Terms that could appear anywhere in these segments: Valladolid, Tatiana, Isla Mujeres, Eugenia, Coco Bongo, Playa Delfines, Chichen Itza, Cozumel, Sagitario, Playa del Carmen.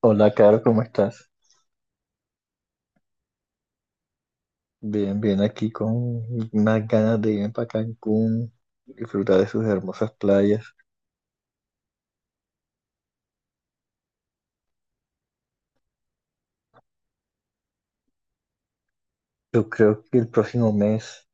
Hola, Caro, ¿cómo estás? Bien, bien, aquí con unas ganas de irme para Cancún, disfrutar de sus hermosas playas. Yo creo que el próximo mes.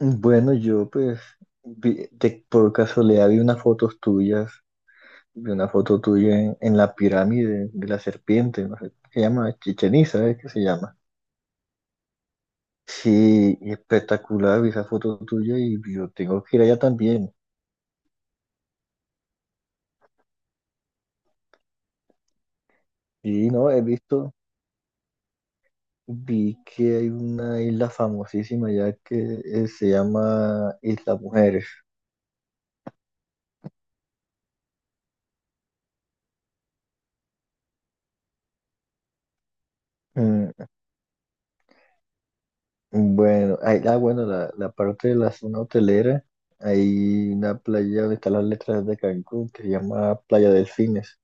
Bueno, yo pues por casualidad vi unas fotos tuyas, vi una foto tuya en la pirámide de la serpiente, no sé, ¿qué se llama? Chichen Itza, ¿eh? ¿Qué se llama? Sí, y espectacular, vi esa foto tuya y yo tengo que ir allá también. Y no, he visto... Vi que hay una isla famosísima ya que se llama Isla Mujeres. Mm. Bueno, la parte de la zona hotelera, hay una playa donde están las letras de Cancún que se llama Playa Delfines.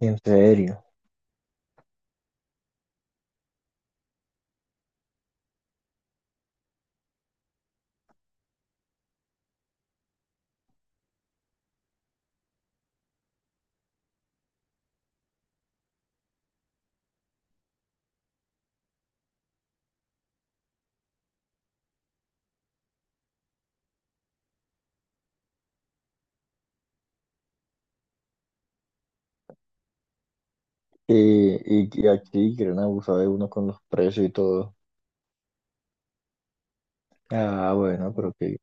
¿En serio? Y que aquí quieren abusar de uno con los precios y todo. Ah, bueno, pero qué.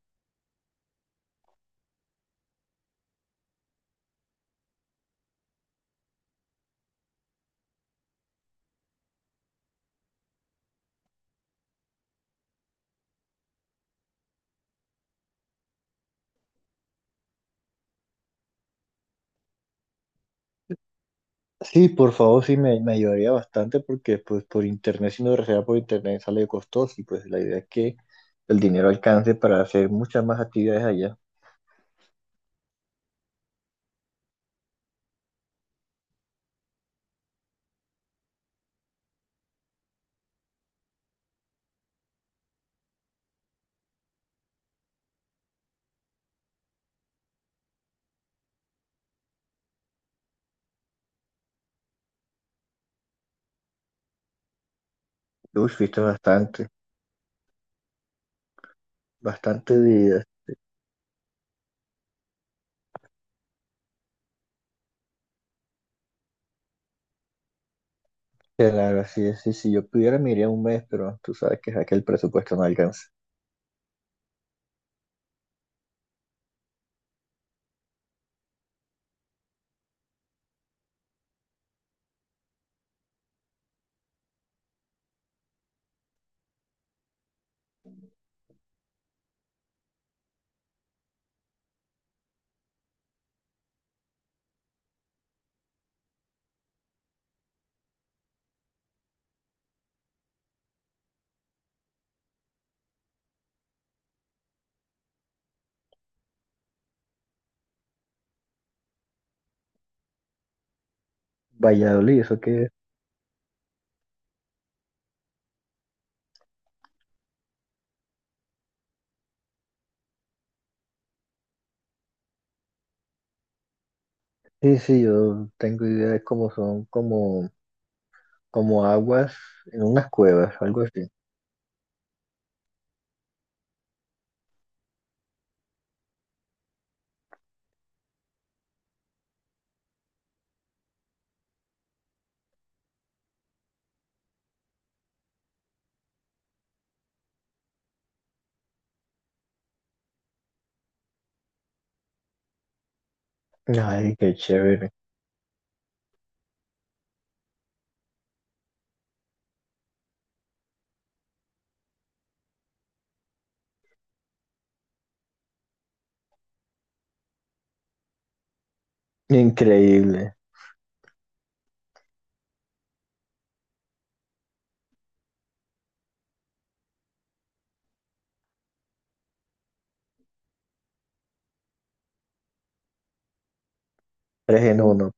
Sí, por favor, sí me ayudaría bastante porque pues por internet, si no reserva por internet sale costoso y pues la idea es que el dinero alcance para hacer muchas más actividades allá. Uy, fuiste bastante, bastante días. Claro, así es, sí, si yo pudiera me iría un mes, pero tú sabes que, es que el presupuesto no alcanza. Valladolid, eso que sí, sí, yo tengo idea de cómo son, como, como aguas en unas cuevas, algo así. Ay, qué chévere. Increíble. Tres en uno.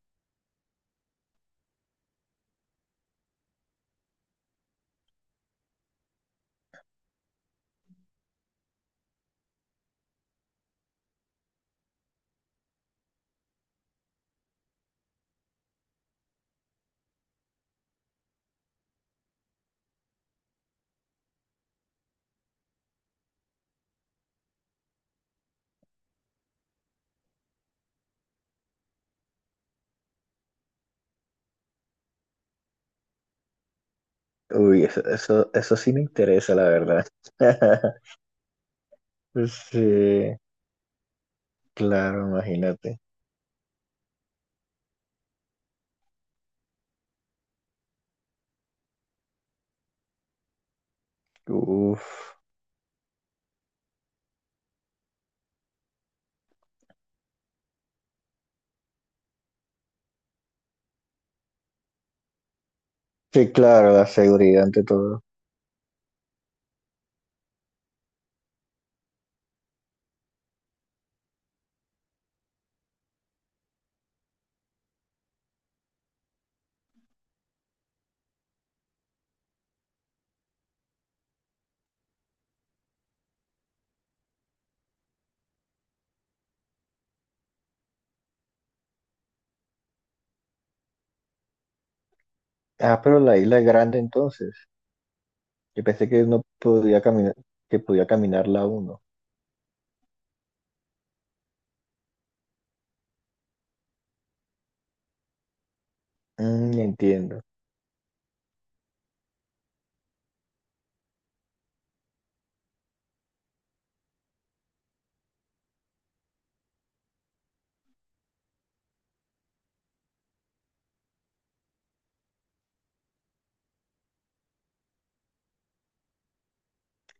Uy, eso sí me interesa, la verdad. Sí, claro, imagínate. Uf. Sí, claro, la seguridad ante todo. Ah, pero la isla es grande entonces. Yo pensé que no podía caminar, que podía caminarla uno. Mm, entiendo.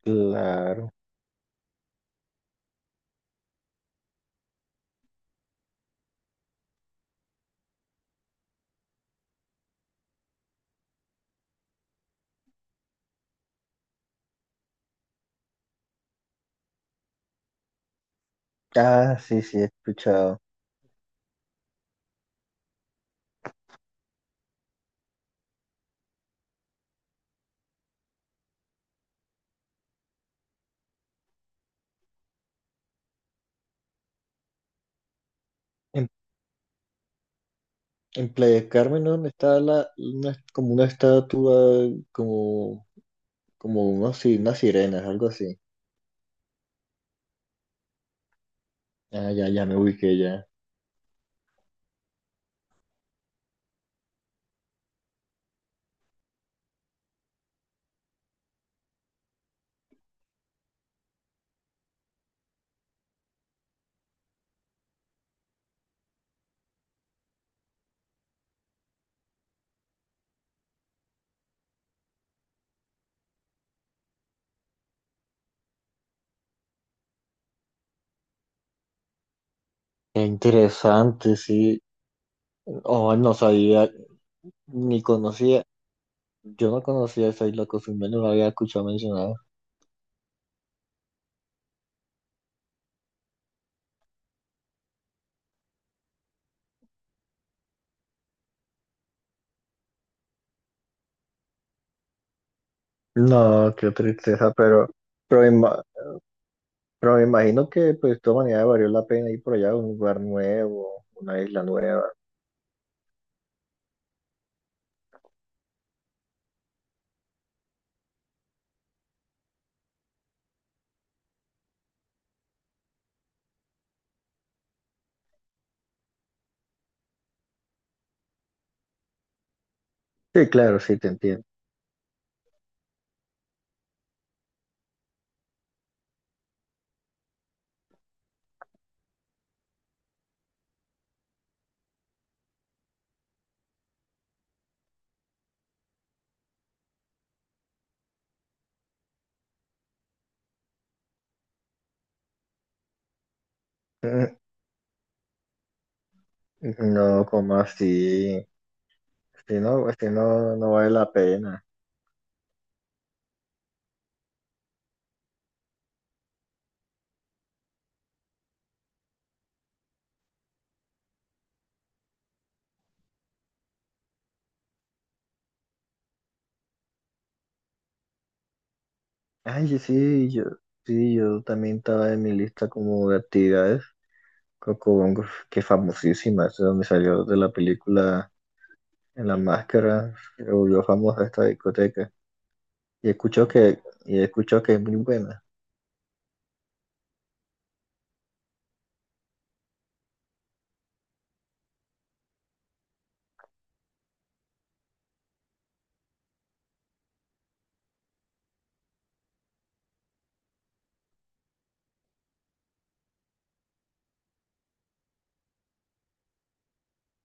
Claro. Ah, sí, sí, he escuchado. En, en Playa del Carmen, ¿no? Donde está como una estatua, como, como unos, sí, unas sirenas, algo así. Ah, ya, ya me ubiqué ya. Qué interesante, sí. Oh, no sabía, ni conocía. Yo no conocía esa isla Cozumel, no la había escuchado mencionar. No, qué tristeza, pero, pero, ima- pero me imagino que pues de todas maneras valió la pena ir por allá a un lugar nuevo, una isla nueva. Sí, claro, sí, te entiendo. Mm. No, como así, si no, si no, no vale la pena. Ay, sí, yo, sí, yo también estaba en mi lista como de actividades. Coco Bongo, que es famosísima, es de donde salió de la película En la Máscara, se volvió famosa esta discoteca. Y escuchó que es muy buena.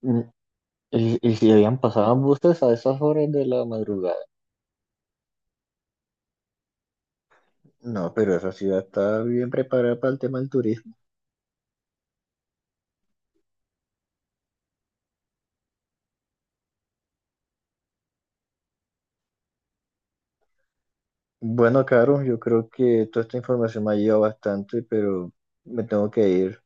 Mm. Y si habían pasado buses a esas horas de la madrugada. No, pero esa ciudad está bien preparada para el tema del turismo. Bueno, Caro, yo creo que toda esta información me ha ayudado bastante, pero me tengo que ir.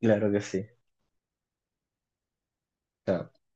Claro que sí. Chao.